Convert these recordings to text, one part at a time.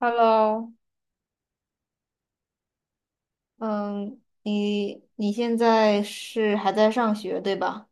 Hello，嗯，你现在是还在上学，对吧？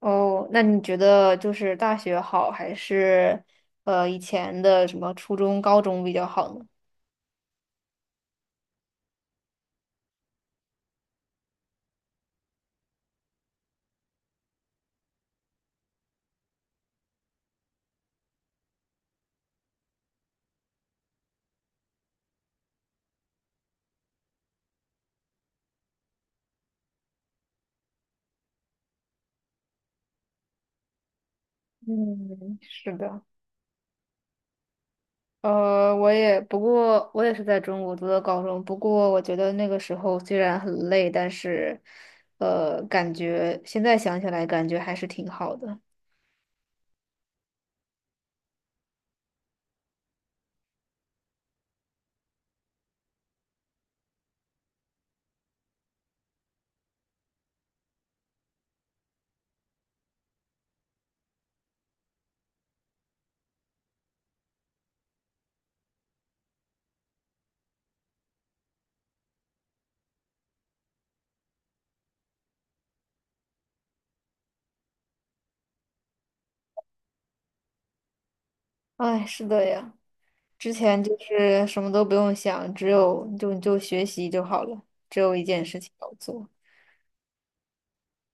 哦，那你觉得就是大学好，还是以前的什么初中、高中比较好呢？嗯，是的，我也不过我也是在中国读的高中，不过我觉得那个时候虽然很累，但是感觉现在想起来感觉还是挺好的。哎，是的呀。之前就是什么都不用想，只有就学习就好了，只有一件事情要做。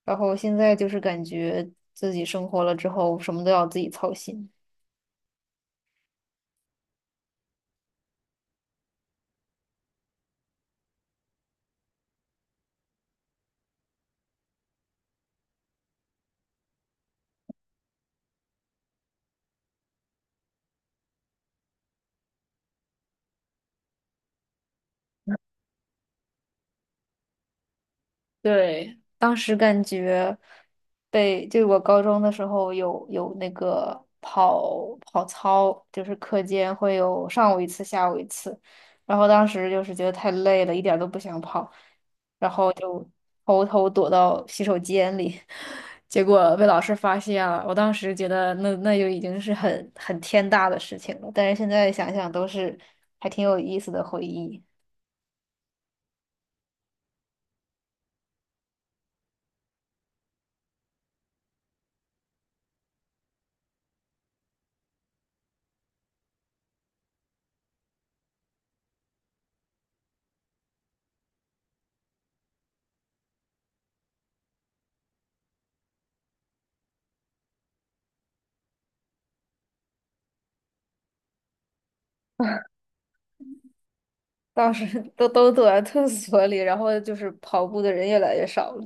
然后现在就是感觉自己生活了之后，什么都要自己操心。对，当时感觉被，就我高中的时候有那个跑跑操，就是课间会有上午一次，下午一次，然后当时就是觉得太累了，一点儿都不想跑，然后就偷偷躲到洗手间里，结果被老师发现了。我当时觉得那就已经是很天大的事情了，但是现在想想都是还挺有意思的回忆。当时 都躲在厕所里，然后就是跑步的人越来越少了。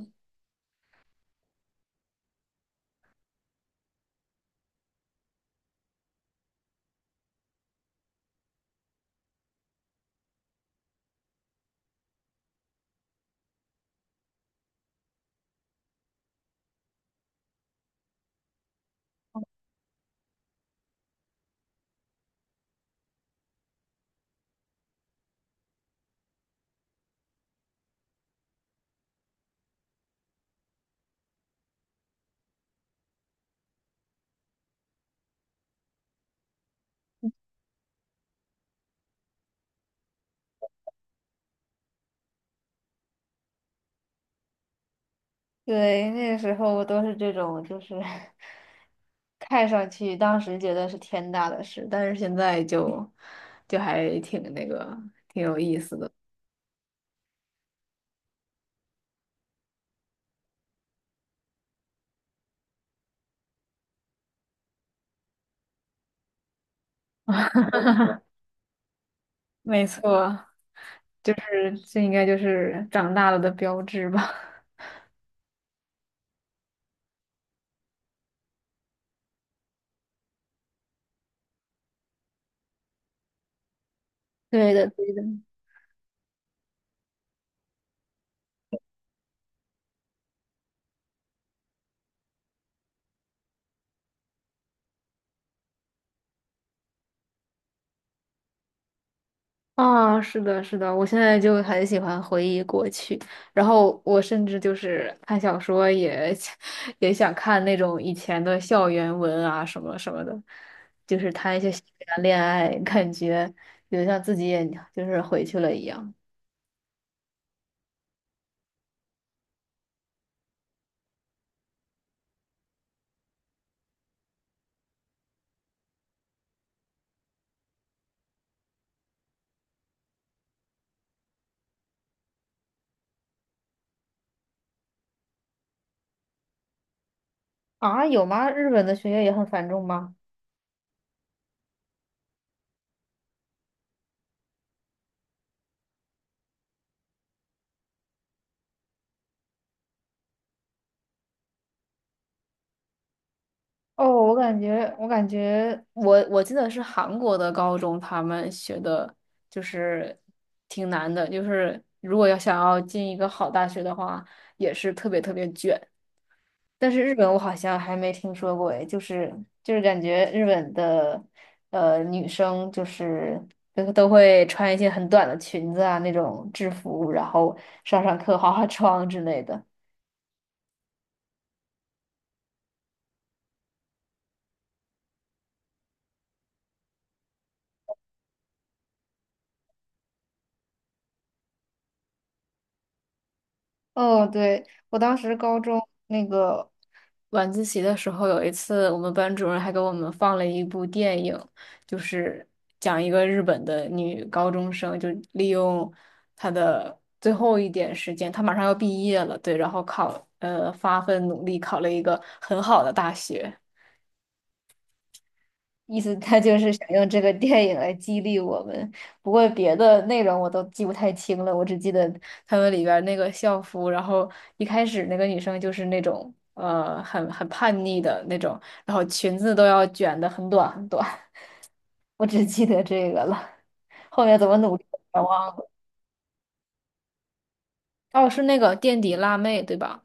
对，那个时候都是这种，就是 看上去当时觉得是天大的事，但是现在就还挺那个，挺有意思的。没错，就是这应该就是长大了的标志吧。对的，对的。啊，是的，是的，我现在就很喜欢回忆过去，然后我甚至就是看小说也 也想看那种以前的校园文啊，什么什么的，就是谈一些校园恋爱，感觉有像自己也就是回去了一样。啊，有吗？日本的学业也很繁重吗？哦，我感觉，我感觉我，我记得是韩国的高中，他们学的就是挺难的，就是如果要想要进一个好大学的话，也是特别特别卷。但是日本我好像还没听说过，诶，就是就是感觉日本的女生就是都会穿一些很短的裙子啊那种制服，然后上课化妆之类的。哦，对，我当时高中那个晚自习的时候，有一次我们班主任还给我们放了一部电影，就是讲一个日本的女高中生，就利用她的最后一点时间，她马上要毕业了，对，然后考，发奋努力考了一个很好的大学。意思他就是想用这个电影来激励我们。不过别的内容我都记不太清了，我只记得他们里边儿那个校服，然后一开始那个女生就是那种很叛逆的那种，然后裙子都要卷的很短很短。我只记得这个了，后面怎么努力我全忘了。哦，是那个垫底辣妹对吧？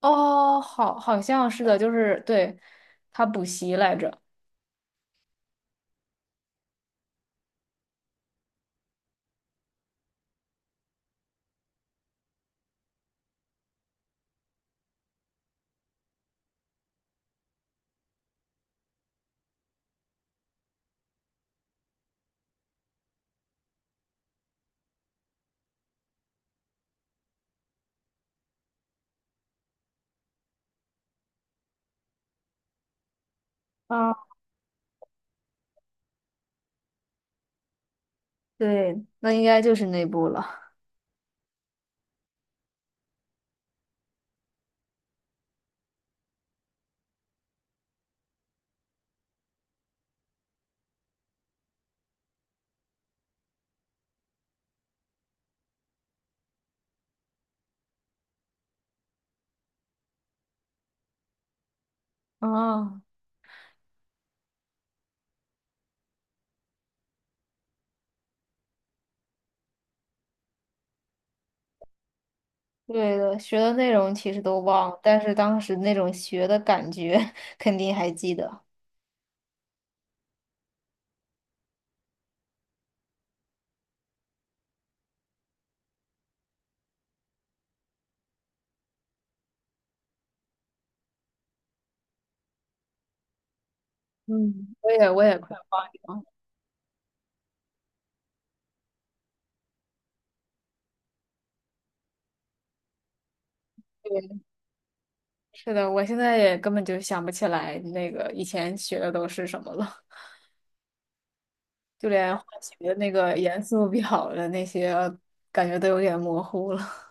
哦，好，好像是的，就是对，她补习来着。啊，对，那应该就是那部了。啊。对的，学的内容其实都忘了，但是当时那种学的感觉 肯定还记得。嗯，我也快忘掉了。对，是的，我现在也根本就想不起来那个以前学的都是什么了，就连化学那个元素表的那些，感觉都有点模糊了。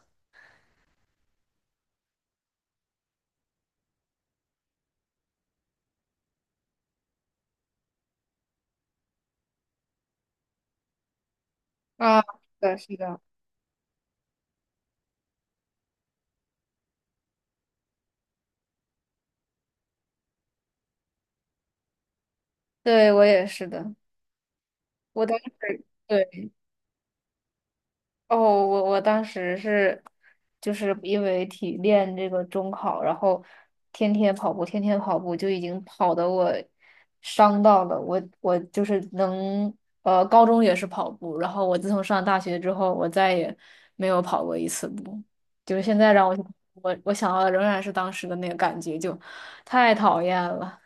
啊，是的，是的，对，我也是的，我当时。对。哦，我当时是，就是因为体练这个中考，然后天天跑步，天天跑步，就已经跑得我伤到了我，我就是能，高中也是跑步，然后我自从上大学之后，我再也没有跑过一次步，就是现在让我去我想到的仍然是当时的那个感觉，就太讨厌了。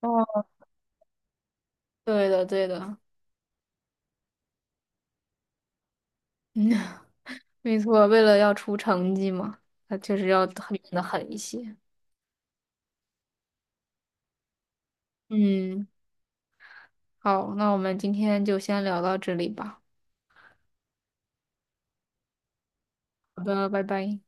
哦，对的，对的，嗯，没错，为了要出成绩嘛，他确实要狠的得狠一些。嗯，好，那我们今天就先聊到这里吧。好的，拜拜。